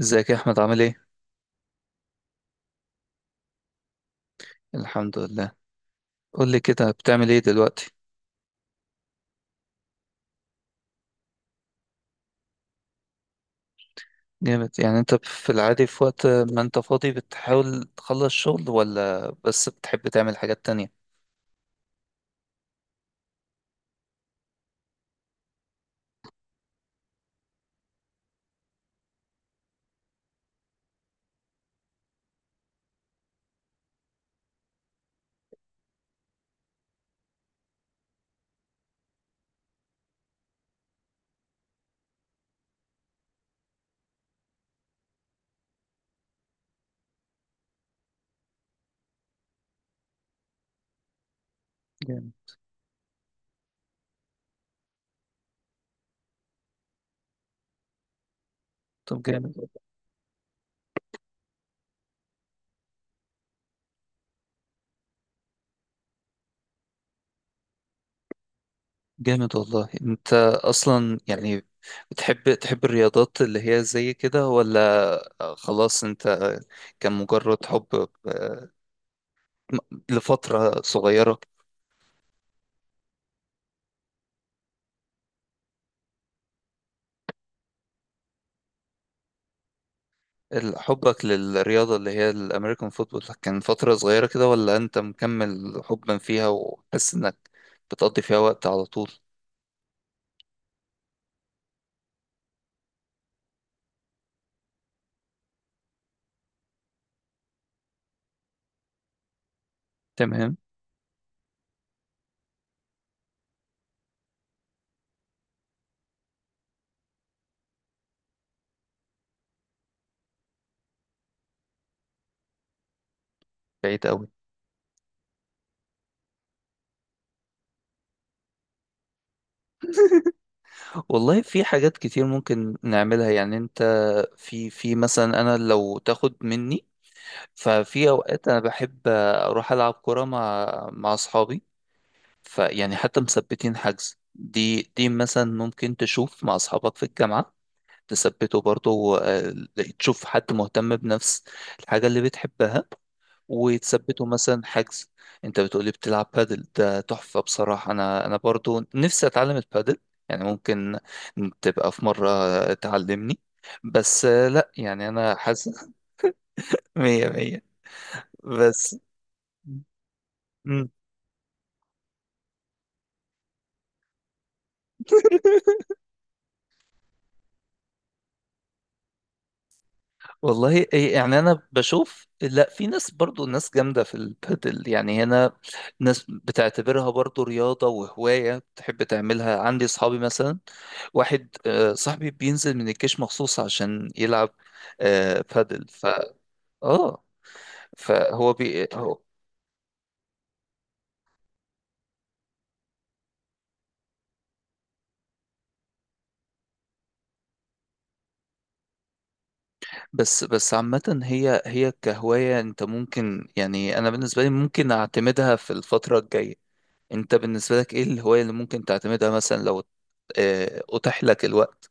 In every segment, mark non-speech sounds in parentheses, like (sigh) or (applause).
ازيك يا احمد؟ عامل ايه؟ الحمد لله. قول لي كده، بتعمل ايه دلوقتي؟ جامد. يعني انت في العادي، في وقت ما انت فاضي، بتحاول تخلص شغل ولا بس بتحب تعمل حاجات تانية؟ جامد. طب جامد. جامد والله. انت اصلا يعني بتحب، تحب الرياضات اللي هي زي كده ولا خلاص؟ انت كان مجرد حب، لفترة صغيرة؟ حبك للرياضة اللي هي الأمريكان فوتبول كان فترة صغيرة كده، ولا أنت مكمل حبا فيها وحاسس إنك بتقضي فيها وقت على طول؟ تمام. بعيد أوي. والله في حاجات كتير ممكن نعملها. يعني أنت، في مثلا أنا لو تاخد مني، ففي أوقات أنا بحب أروح ألعب كورة مع، مع أصحابي. فيعني حتى مثبتين حجز، دي مثلا ممكن تشوف مع أصحابك في الجامعة، تثبته برضه. آه، تشوف حد مهتم بنفس الحاجة اللي بتحبها، وتثبته مثلا حجز. انت بتقولي بتلعب بادل، ده تحفة بصراحة. انا برضه نفسي اتعلم البادل، يعني ممكن تبقى في مرة تعلمني. بس لا يعني انا حاسس (laughs) مية مية. بس مم. (laughs) والله إيه يعني، انا بشوف، لا في ناس برضو، ناس جامده في البادل يعني هنا. ناس بتعتبرها برضو رياضه وهوايه بتحب تعملها. عندي صحابي مثلا، واحد صاحبي بينزل من الجيش مخصوص عشان يلعب بادل. ف اه، فهو بي هو. بس عامة هي، هي كهواية انت ممكن، يعني انا بالنسبة لي ممكن اعتمدها في الفترة الجاية. انت بالنسبة لك ايه الهواية اللي ممكن تعتمدها مثلا لو اتاح لك الوقت؟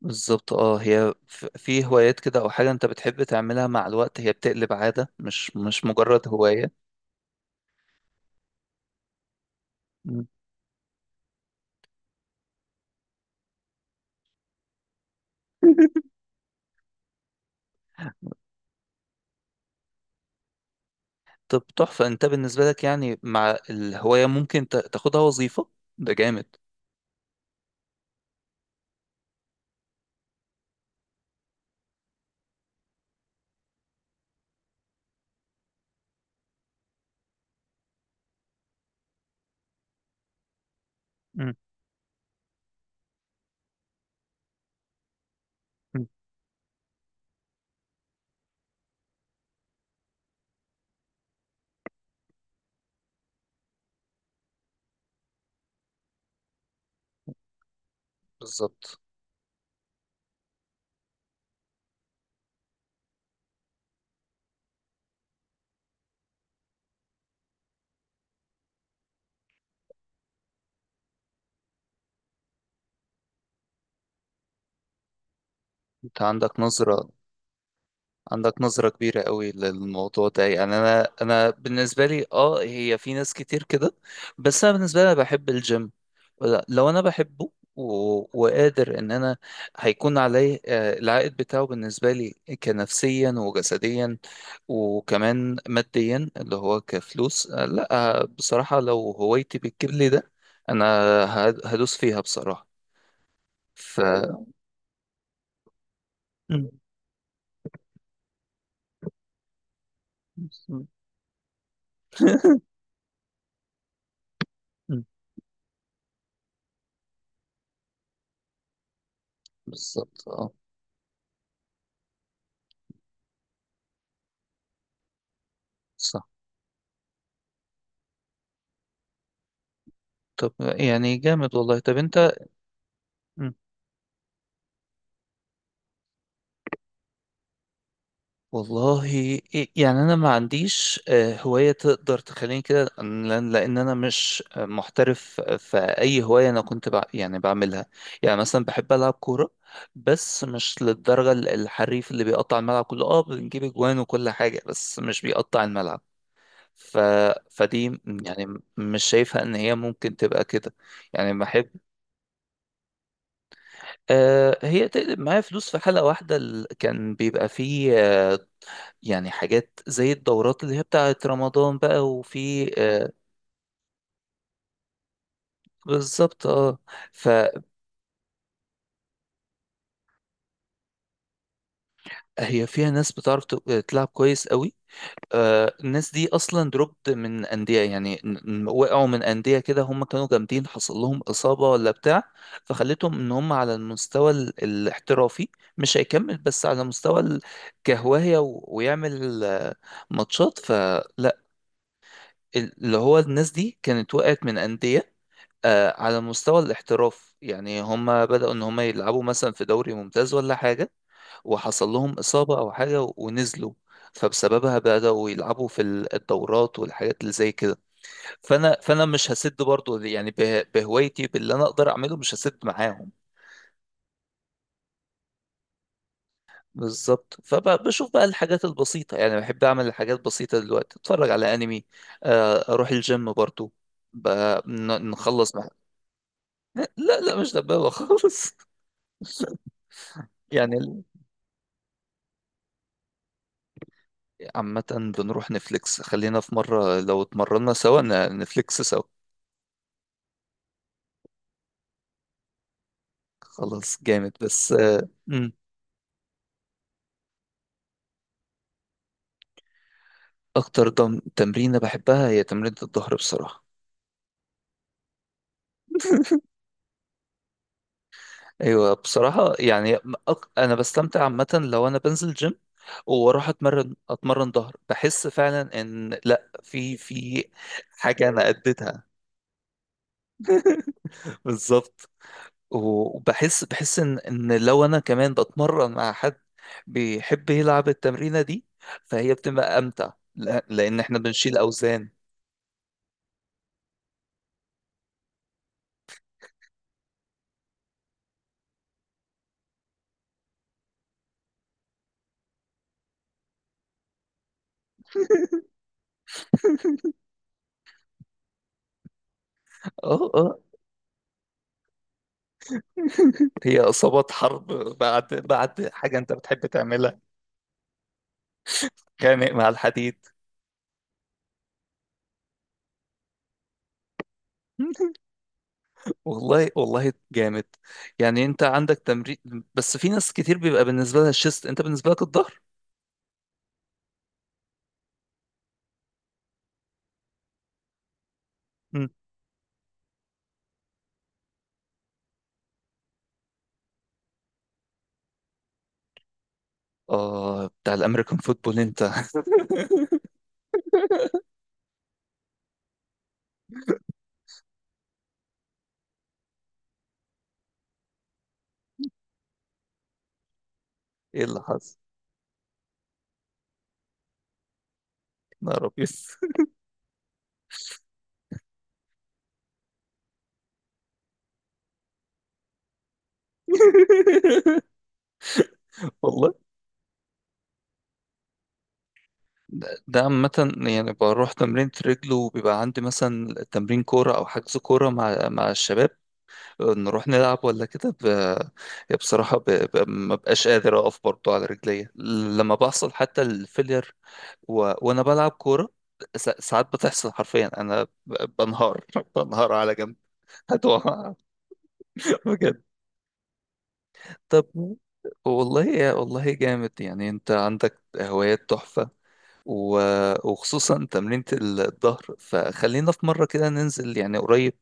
بالظبط اه. هي في هوايات كده، او حاجة انت بتحب تعملها مع الوقت، هي بتقلب عادة، مش مجرد هواية. مم. (laughs) طب تحفة. انت بالنسبة لك يعني، مع الهواية، ممكن تاخدها وظيفة، ده جامد. مم. مم. بالظبط. انت عندك نظرة، عندك نظرة كبيرة قوي للموضوع ده. يعني أنا بالنسبة لي أه، هي في ناس كتير كده، بس أنا بالنسبة لي أنا بحب الجيم. لو أنا بحبه، وقادر إن أنا هيكون عليه العائد بتاعه بالنسبة لي كنفسيا وجسديا، وكمان ماديا اللي هو كفلوس، لا. بصراحة لو هوايتي بتجيب لي ده، أنا هدوس فيها بصراحة. ف، م- م- م- بالظبط أه. طب يعني جامد والله. طب انت، مم. والله، يعني انا ما عنديش هواية تقدر تخليني كده، لان لأن انا مش محترف في اي هواية انا كنت بع، يعني بعملها. يعني مثلا بحب العب كورة، بس مش للدرجة الحريف اللي بيقطع الملعب كله. اه بنجيب اجوان وكل حاجة، بس مش بيقطع الملعب. ف... فدي يعني مش شايفها ان هي ممكن تبقى كده. يعني بحب، هي تقلب معايا فلوس. في حلقة واحدة كان بيبقى فيه يعني حاجات زي الدورات اللي هي بتاعت رمضان بقى، وفي آه، بالظبط اه. فهي، فيها ناس بتعرف تلعب كويس قوي. آه الناس دي اصلا دروبت من انديه، يعني وقعوا من انديه كده. هم كانوا جامدين، حصل لهم اصابه ولا بتاع، فخلتهم ان هم على المستوى الاحترافي مش هيكمل، بس على مستوى كهوايه ويعمل ماتشات. فلا اللي هو الناس دي كانت وقعت من انديه، آه على مستوى الاحتراف. يعني هم بدأوا ان هم يلعبوا مثلا في دوري ممتاز ولا حاجة، وحصل لهم إصابة او حاجة ونزلوا، فبسببها بدأوا يلعبوا في الدورات والحاجات اللي زي كده. فانا مش هسد برضو، يعني بهوايتي باللي انا اقدر اعمله مش هسد معاهم. بالظبط. فبشوف بقى الحاجات البسيطة، يعني بحب اعمل الحاجات بسيطة دلوقتي، اتفرج على انمي، آه اروح الجيم برضو، ب- نخلص مع. لا لا مش دبابة خالص. (laughs) يعني عامة بنروح نفليكس. خلينا في مرة، لو اتمرنا سوا نفليكس سوا. خلاص جامد. بس مم. أكتر تمرينة بحبها هي تمرينة الظهر بصراحة. أيوة بصراحة يعني. أنا بستمتع عامة لو أنا بنزل جيم، واروح اتمرن ظهر، بحس فعلا ان لا، في في حاجه انا اديتها. (laughs) بالظبط. وبحس ان، ان لو انا كمان بتمرن مع حد بيحب يلعب التمرينة دي، فهي بتبقى امتع، لان احنا بنشيل اوزان. اه اه. هي اصابات حرب. بعد حاجة انت بتحب تعملها. خانق مع الحديد. (laughs) والله والله جامد. يعني انت عندك تمرين، بس في ناس كتير بيبقى بالنسبة لها الشيست، انت بالنسبة لك الظهر. مم. اه بتاع الامريكان فوتبول انت. (laughs) ايه اللي حصل؟ يا رب. (laughs) والله ده، ده عامة، يعني بروح تمرين رجل، وبيبقى عندي مثلا تمرين كورة أو حجز كورة مع، مع الشباب، نروح نلعب ولا كده. بصراحة، ما بقاش قادر أقف برضو على رجليا لما بحصل حتى الفيلير، وأنا بلعب كورة. ساعات بتحصل حرفيا أنا بنهار (laughs) بنهار على جنب. (laughs) هتوقع. بجد. طب. والله والله جامد، يعني أنت عندك هوايات تحفة، وخصوصا تمرينة الظهر. فخلينا في مرة كده ننزل، يعني قريب،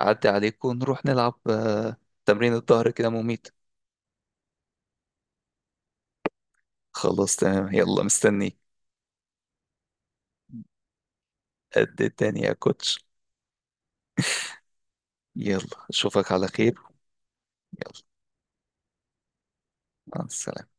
أعدي عليك ونروح نلعب تمرين الظهر كده مميت. خلاص تمام، يلا مستنيك. قد الدنيا يا كوتش. يلا أشوفك على خير. يلا مع السلامة.